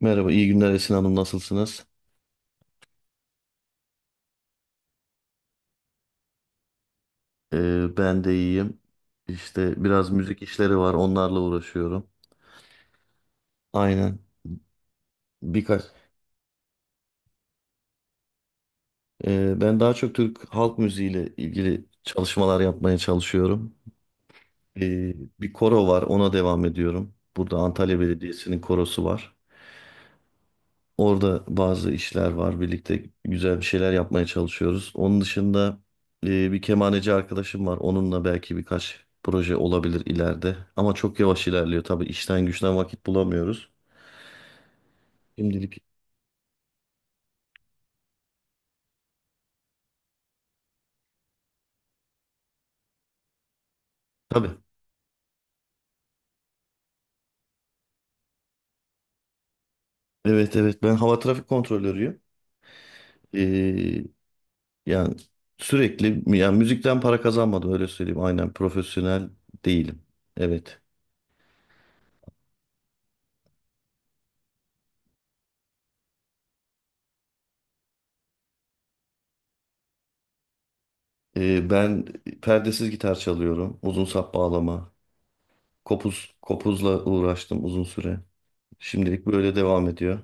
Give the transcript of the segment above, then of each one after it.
Merhaba, iyi günler Esin Hanım, nasılsınız? Ben de iyiyim. İşte biraz müzik işleri var, onlarla uğraşıyorum. Aynen, birkaç. Ben daha çok Türk halk müziğiyle ilgili çalışmalar yapmaya çalışıyorum. Ee, bir koro var, ona devam ediyorum. Burada Antalya Belediyesi'nin korosu var. Orada bazı işler var. Birlikte güzel bir şeyler yapmaya çalışıyoruz. Onun dışında bir kemaneci arkadaşım var. Onunla belki birkaç proje olabilir ileride. Ama çok yavaş ilerliyor. Tabii işten güçten vakit bulamıyoruz. Şimdilik. Tabii. Evet, evet. Ben hava trafik kontrolörüyüm. E, yani sürekli yani müzikten para kazanmadım, öyle söyleyeyim. Aynen, profesyonel değilim. Evet. Ben perdesiz gitar çalıyorum. Uzun sap bağlama. Kopuzla uğraştım uzun süre. Şimdilik böyle devam ediyor.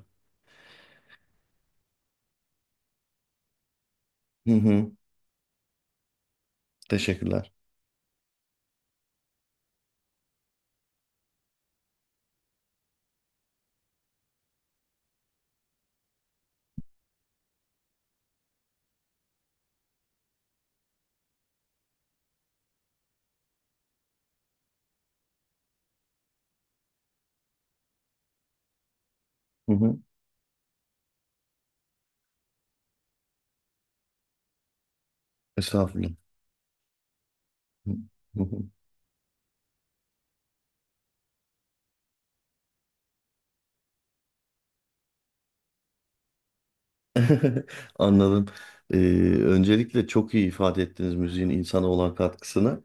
Hı hı. Teşekkürler. Hı hı. Estağfurullah. Hı hı. Anladım. Ee, öncelikle çok iyi ifade ettiniz müziğin insana olan katkısını.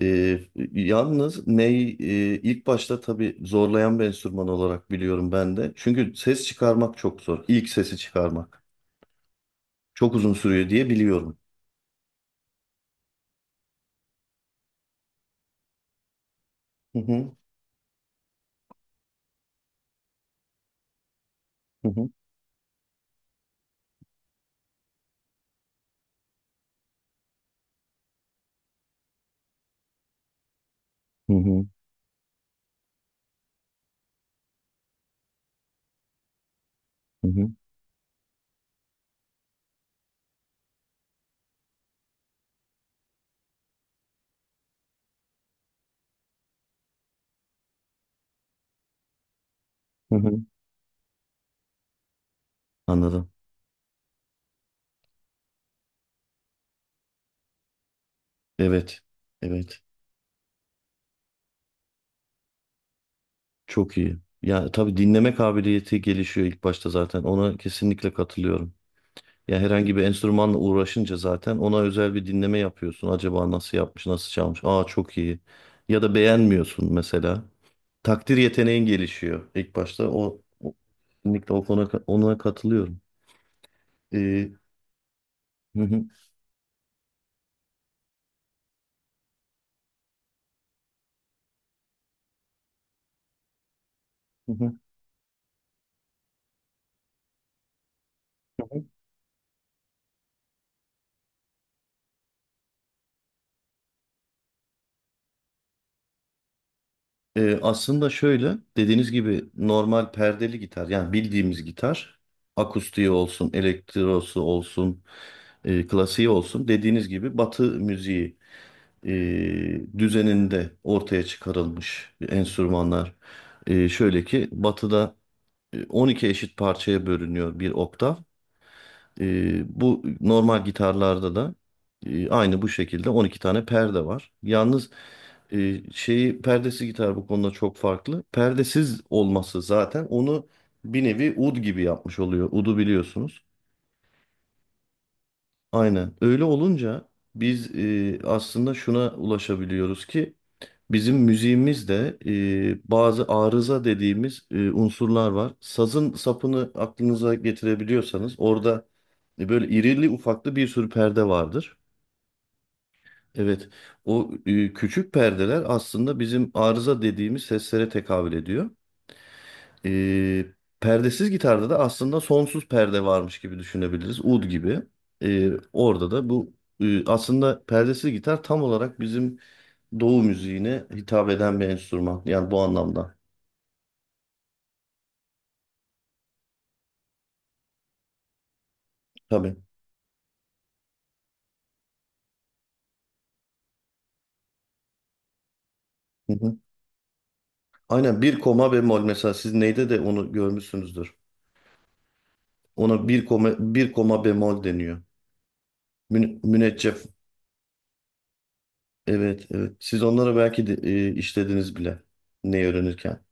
Ee, yalnız ney ilk başta tabii zorlayan bir enstrüman olarak biliyorum ben de. Çünkü ses çıkarmak çok zor. İlk sesi çıkarmak. Çok uzun sürüyor diye biliyorum. Hı hı. Hı hı. Hı hı. Hı hı. Hı hı. Anladım. Evet. Evet. Çok iyi. Ya tabii dinleme kabiliyeti gelişiyor ilk başta zaten. Ona kesinlikle katılıyorum. Ya herhangi bir enstrümanla uğraşınca zaten ona özel bir dinleme yapıyorsun. Acaba nasıl yapmış, nasıl çalmış? Aa, çok iyi. Ya da beğenmiyorsun mesela. Takdir yeteneğin gelişiyor ilk başta. O kesinlikle o konu ona katılıyorum. Ee, hı hı, hı hı. Aslında şöyle, dediğiniz gibi normal perdeli gitar, yani bildiğimiz gitar akustiği olsun, elektrosu olsun, klasiği olsun, dediğiniz gibi Batı müziği e, düzeninde ortaya çıkarılmış enstrümanlar. Şöyle ki Batı'da 12 eşit parçaya bölünüyor bir oktav. Bu normal gitarlarda da aynı bu şekilde 12 tane perde var. Yalnız şeyi perdesi gitar bu konuda çok farklı. Perdesiz olması zaten onu bir nevi ud gibi yapmış oluyor. Udu biliyorsunuz. Aynen. Öyle olunca biz aslında şuna ulaşabiliyoruz ki bizim müziğimizde bazı arıza dediğimiz unsurlar var. Sazın sapını aklınıza getirebiliyorsanız orada böyle irili ufaklı bir sürü perde vardır. Evet, o küçük perdeler aslında bizim arıza dediğimiz seslere tekabül ediyor. Ee, perdesiz gitarda da aslında sonsuz perde varmış gibi düşünebiliriz. Ud gibi. Orada da bu aslında perdesiz gitar tam olarak bizim Doğu müziğine hitap eden bir enstrüman. Yani bu anlamda. Tabii. Hı hı. Aynen, bir koma bemol mesela, siz neyde de onu görmüşsünüzdür. Ona bir koma, bir koma bemol deniyor. Mün, müneccef. Evet, evet. Siz onları belki de, işlediniz bile. Ne öğrenirken.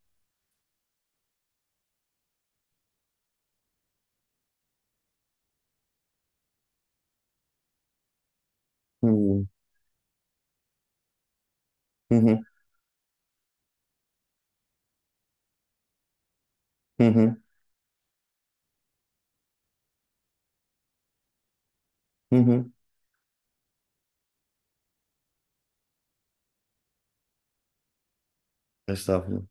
Hı hı. Hı hı. Hı hı. Estağfurullah.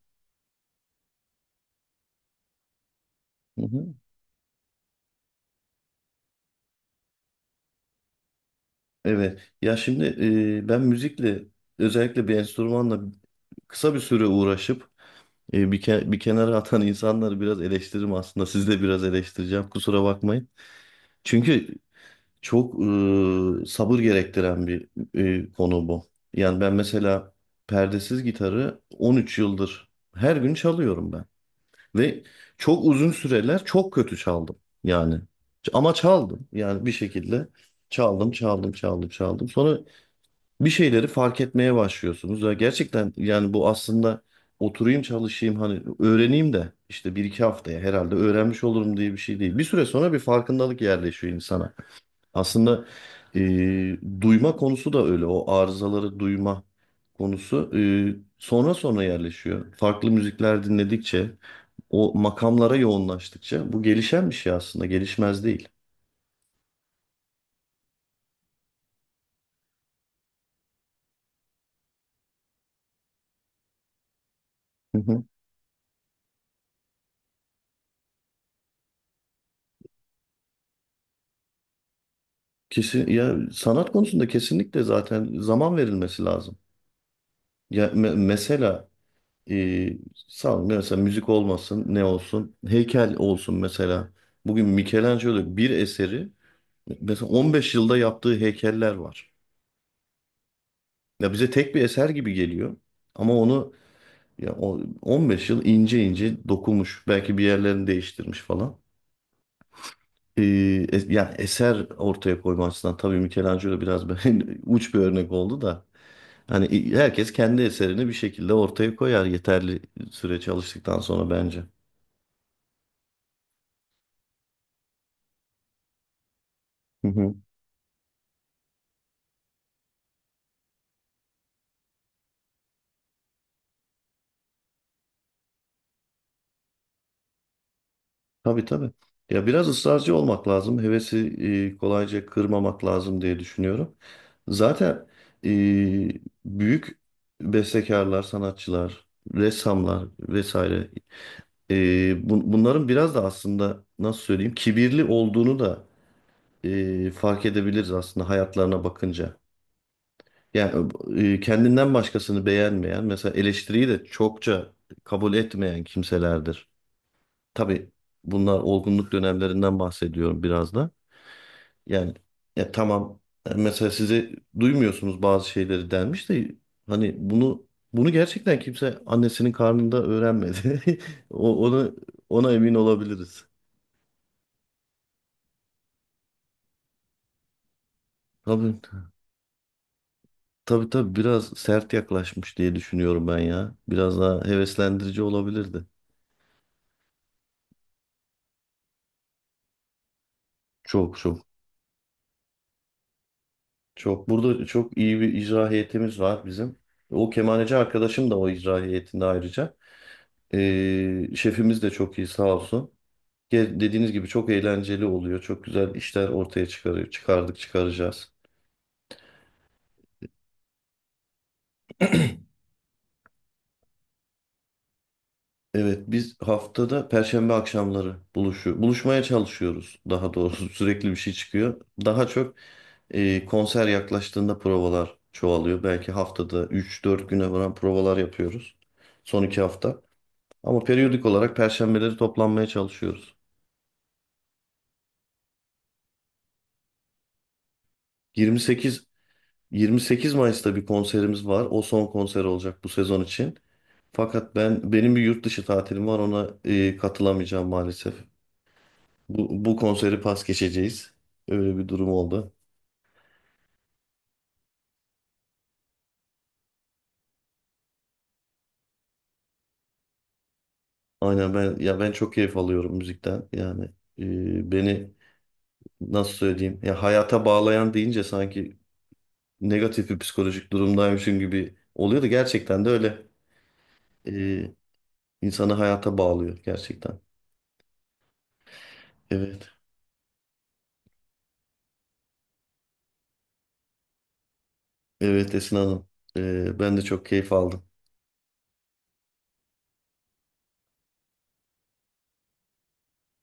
Hı hı. Evet. Ya şimdi ben müzikle, özellikle bir enstrümanla kısa bir süre uğraşıp bir kenara atan insanları biraz eleştiririm aslında. Siz de biraz eleştireceğim, kusura bakmayın. Çünkü çok sabır gerektiren bir konu bu. Yani ben mesela perdesiz gitarı 13 yıldır her gün çalıyorum ben. Ve çok uzun süreler çok kötü çaldım. Yani ama çaldım. Yani bir şekilde çaldım, çaldım, çaldım, çaldım. Sonra bir şeyleri fark etmeye başlıyorsunuz. Ya gerçekten yani bu aslında oturayım çalışayım, hani öğreneyim de işte 1-2 haftaya herhalde öğrenmiş olurum diye bir şey değil. Bir süre sonra bir farkındalık yerleşiyor insana. Aslında e, duyma konusu da öyle, o arızaları duyma konusu sonra sonra yerleşiyor. Farklı müzikler dinledikçe o makamlara yoğunlaştıkça bu gelişen bir şey aslında, gelişmez değil. Hı hı. Kesin, ya sanat konusunda kesinlikle zaten zaman verilmesi lazım. Ya mesela e, sağ ol, mesela müzik olmasın, ne olsun, heykel olsun mesela. Bugün Michelangelo bir eseri, mesela 15 yılda yaptığı heykeller var. Ya bize tek bir eser gibi geliyor ama onu, ya o 15 yıl ince ince dokunmuş, belki bir yerlerini değiştirmiş falan. E, yani eser ortaya koyma açısından tabii Michelangelo biraz uç bir örnek oldu da. Hani herkes kendi eserini bir şekilde ortaya koyar yeterli süre çalıştıktan sonra, bence. Hı hı. Tabii, tabii. Ya biraz ısrarcı olmak lazım. Hevesi kolayca kırmamak lazım diye düşünüyorum. Zaten e, büyük bestekarlar, sanatçılar, ressamlar vesaire, bunların biraz da aslında, nasıl söyleyeyim, kibirli olduğunu da fark edebiliriz aslında hayatlarına bakınca. Yani kendinden başkasını beğenmeyen, mesela eleştiriyi de çokça kabul etmeyen kimselerdir. Tabii, bunlar olgunluk dönemlerinden bahsediyorum biraz da. Yani ya tamam, mesela size duymuyorsunuz bazı şeyleri denmiş de, hani bunu gerçekten kimse annesinin karnında öğrenmedi. O- Ona ona emin olabiliriz. Tabii, tabii, tabii, biraz sert yaklaşmış diye düşünüyorum ben ya. Biraz daha heveslendirici olabilirdi. Çok, çok, çok. Burada çok iyi bir icra heyetimiz var bizim. O kemaneci arkadaşım da o icra heyetinde ayrıca. Şefimiz de çok iyi, sağ olsun. Dediğiniz gibi çok eğlenceli oluyor. Çok güzel işler ortaya çıkarıyor. Çıkardık, çıkaracağız. Evet, biz haftada Perşembe akşamları buluşuyor, buluşmaya çalışıyoruz daha doğrusu. Sürekli bir şey çıkıyor. Daha çok konser yaklaştığında provalar çoğalıyor. Belki haftada 3-4 güne varan provalar yapıyoruz. Son 2 hafta. Ama periyodik olarak Perşembeleri toplanmaya çalışıyoruz. 28 28 Mayıs'ta bir konserimiz var. O son konser olacak bu sezon için. Fakat benim bir yurt dışı tatilim var, ona katılamayacağım maalesef. Bu konseri pas geçeceğiz. Öyle bir durum oldu. Aynen, ben çok keyif alıyorum müzikten. Yani beni nasıl söyleyeyim, ya hayata bağlayan deyince sanki negatif bir psikolojik durumdaymışım gibi oluyor da, gerçekten de öyle. E, insanı hayata bağlıyor gerçekten. Evet. Evet, Esin Hanım. Ben de çok keyif aldım.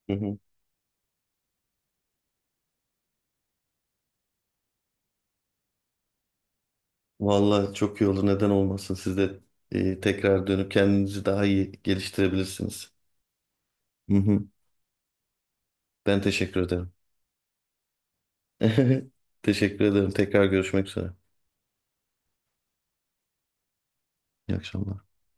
Vallahi çok iyi olur. Neden olmasın? Siz de tekrar dönüp kendinizi daha iyi geliştirebilirsiniz. Hı hı. Ben teşekkür ederim. Teşekkür ederim. Tekrar görüşmek üzere. İyi akşamlar.